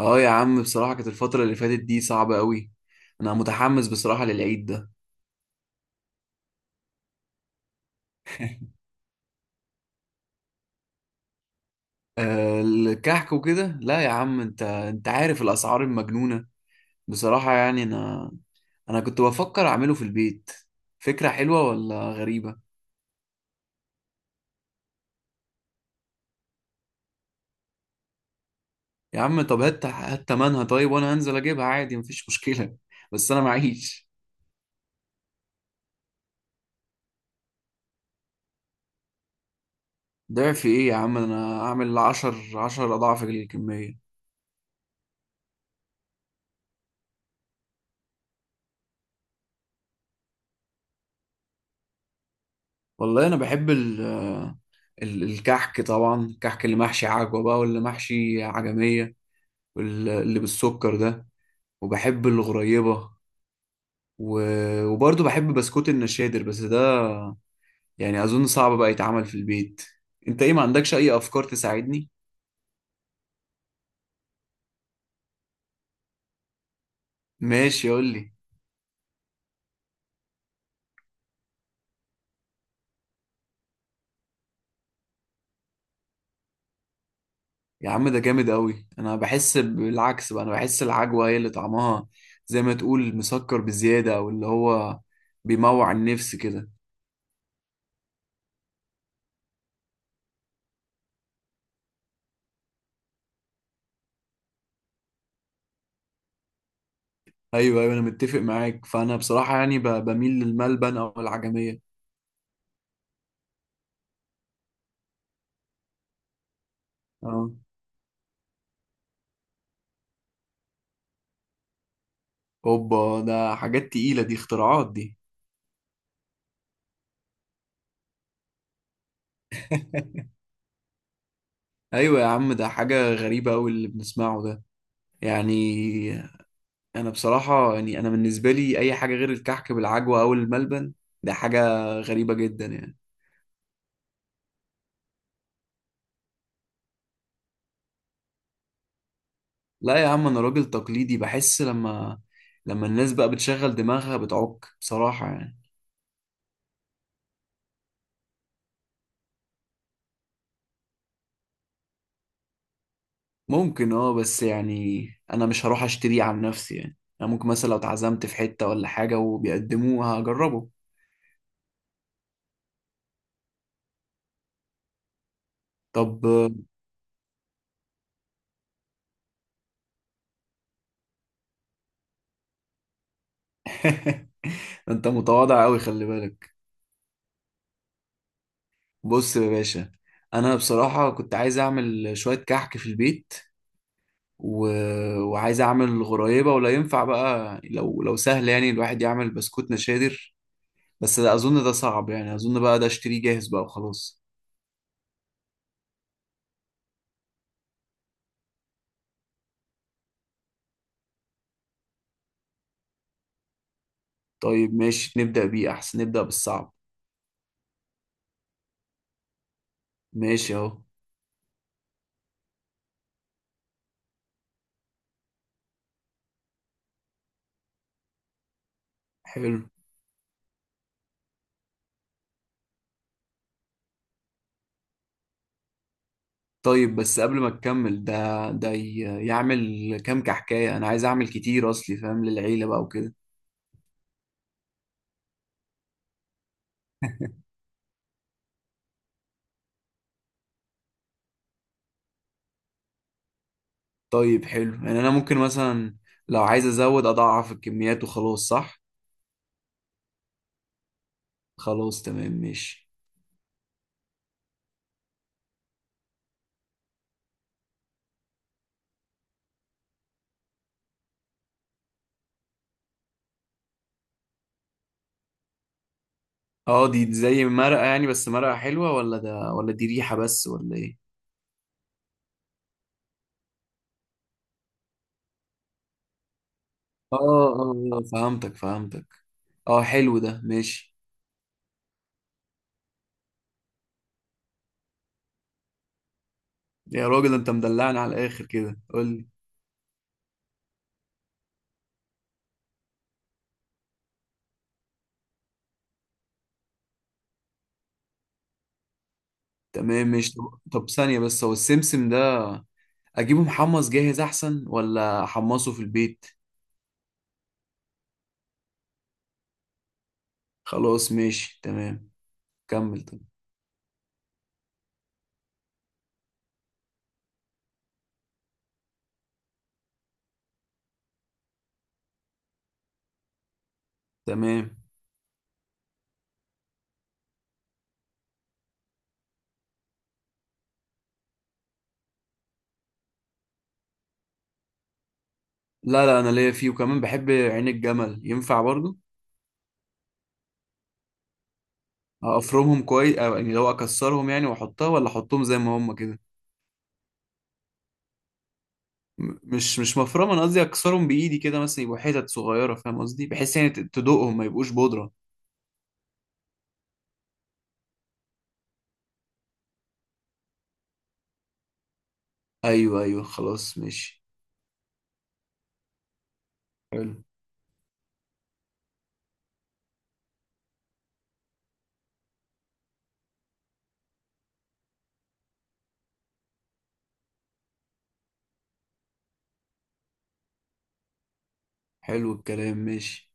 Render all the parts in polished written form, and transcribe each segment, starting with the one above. اه، يا عم بصراحة كانت الفترة اللي فاتت دي صعبة قوي. انا متحمس بصراحة للعيد ده. الكحك وكده. لا يا عم، انت عارف الاسعار المجنونة. بصراحة يعني انا كنت بفكر اعمله في البيت. فكرة حلوة ولا غريبة؟ يا عم، طب هات هات تمنها طيب وانا هنزل اجيبها عادي، مفيش مشكلة. بس انا معيش. ضعف ايه يا عم؟ انا اعمل عشر اضعاف الكمية. والله انا بحب الكحك طبعا، الكحك اللي محشي عجوة بقى واللي محشي عجمية. واللي بالسكر ده. وبحب الغريبة. و... وبرضه بحب بسكوت النشادر، بس ده يعني أظن صعب بقى يتعمل في البيت. انت ايه؟ ما عندكش اي افكار تساعدني؟ ماشي، قول لي. يا عم، ده جامد قوي، انا بحس بالعكس بقى، انا بحس العجوة هي اللي طعمها زي ما تقول مسكر بزيادة، او اللي هو بيموع النفس كده. ايوه، ايوه، انا متفق معاك، فانا بصراحة يعني بميل للملبن او العجمية. اه، اوبا، ده حاجات تقيلة دي، اختراعات دي. ايوه يا عم، ده حاجة غريبة أوي اللي بنسمعه ده يعني. انا بصراحة يعني، انا بالنسبة لي اي حاجة غير الكحك بالعجوة او الملبن ده حاجة غريبة جدا يعني. لا يا عم، انا راجل تقليدي، بحس لما الناس بقى بتشغل دماغها بتعك بصراحة يعني. ممكن، اه، بس يعني انا مش هروح اشتريه عن نفسي يعني، انا ممكن مثلا لو اتعزمت في حتة ولا حاجة وبيقدموه هجربه. طب. انت متواضع قوي، خلي بالك. بص يا باشا. انا بصراحة كنت عايز اعمل شوية كحك في البيت. و... وعايز اعمل غرايبة، ولا ينفع بقى لو سهل يعني الواحد يعمل بسكوت نشادر. بس ده اظن ده صعب يعني، اظن بقى ده اشتريه جاهز بقى وخلاص. طيب ماشي، نبدأ بيه، احسن نبدأ بالصعب. ماشي اهو. حلو. طيب بس قبل ما تكمل، ده يعمل كام كحكاية؟ انا عايز اعمل كتير اصلي فاهم للعيلة بقى وكده. طيب حلو يعني، انا ممكن مثلا لو عايز ازود اضعف الكميات وخلاص، صح؟ خلاص تمام ماشي. اه، دي زي مرقة يعني؟ بس مرقة حلوة ولا ده، ولا دي ريحة بس ولا ايه؟ اه، اه، فهمتك فهمتك. اه، حلو ده، ماشي. يا راجل، انت مدلعني على الاخر كده. قول لي. تمام ماشي. طب ثانية بس، هو السمسم ده اجيبه محمص جاهز احسن، ولا احمصه في البيت؟ خلاص ماشي تمام. كمل طب. تمام. لا، لا، انا ليا فيه، وكمان بحب عين الجمل، ينفع برضو؟ افرمهم كويس، أو يعني لو اكسرهم يعني واحطها، ولا احطهم زي ما هم كده؟ مش مفرمه، انا قصدي اكسرهم بايدي كده مثلا يبقوا حتت صغيره، فاهم قصدي؟ بحيث يعني تدوقهم، ما يبقوش بودره. ايوه، ايوه، خلاص ماشي. حلو. حلو الكلام، ماشي.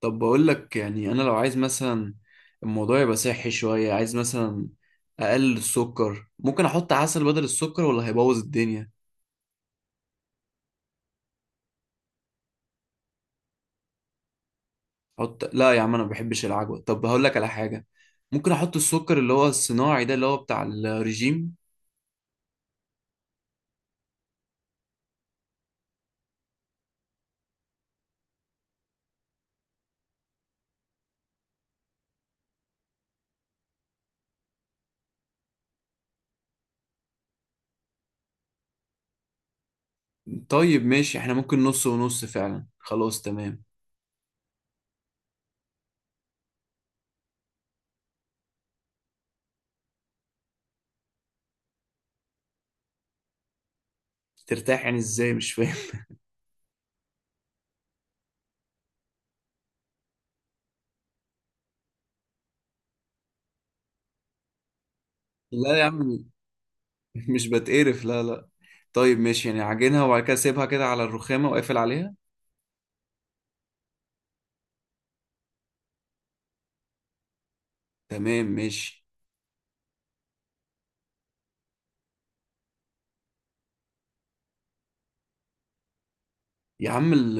طب بقول لك يعني، انا لو عايز مثلا الموضوع يبقى صحي شويه، عايز مثلا اقلل السكر، ممكن احط عسل بدل السكر، ولا هيبوظ الدنيا؟ حط. لا يا عم، انا ما بحبش العجوه. طب هقول لك على حاجه، ممكن احط السكر اللي هو الصناعي ده، اللي هو بتاع الرجيم. طيب ماشي، احنا ممكن نص ونص فعلا، خلاص تمام. ترتاح يعني ازاي؟ مش فاهم. لا يا عم، مش بتقرف، لا، لا. طيب ماشي يعني، عجنها وبعد كده سيبها كده على الرخامه وقافل عليها؟ تمام ماشي. يا عم،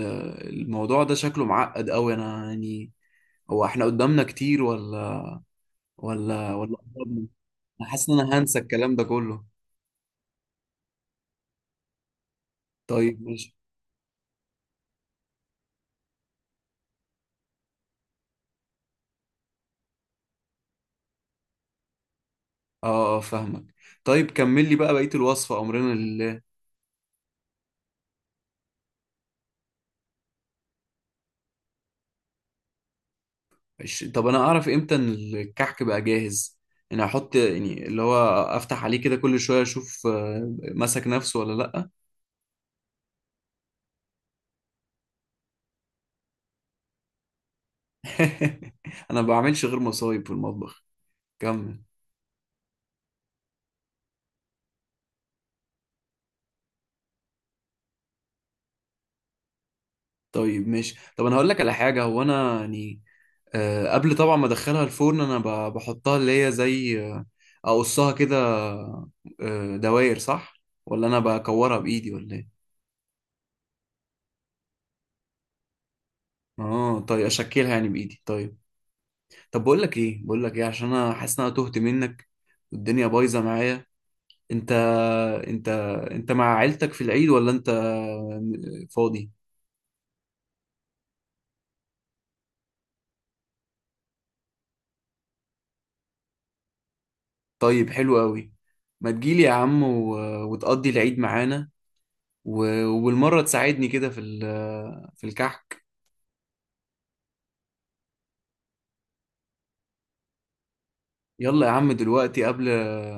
الموضوع ده شكله معقد قوي، انا يعني هو احنا قدامنا كتير ولا قربنا؟ انا حاسس ان انا هنسى الكلام ده كله. طيب ماشي. اه، اه، فاهمك. طيب كمل لي بقى بقية الوصفة، أمرنا لله. طب أنا أعرف إمتى إن الكحك بقى جاهز؟ يعني أحط يعني اللي هو، أفتح عليه كده كل شوية أشوف، مسك نفسه ولا لأ؟ أنا ما بعملش غير مصايب في المطبخ. كمل. طيب ماشي. طب أنا هقول لك على حاجة، هو أنا يعني قبل طبعا ما أدخلها الفرن أنا بحطها اللي هي زي أقصها كده، دواير، صح؟ ولا أنا بكورها بإيدي ولا إيه؟ اه طيب، أشكلها يعني بإيدي، طيب. طب بقول لك ايه عشان انا حاسس ان انا تهت منك، والدنيا بايظه معايا. انت انت انت مع عيلتك في العيد ولا انت فاضي؟ طيب حلو قوي. ما تجيلي يا عم وتقضي العيد معانا، وبالمره تساعدني كده في الكحك. يلا يا عم دلوقتي، قبل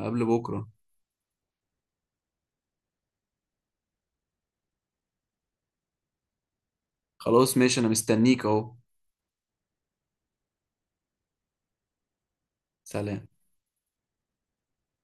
قبل بكره. خلاص ماشي، انا مستنيك اهو. سلام.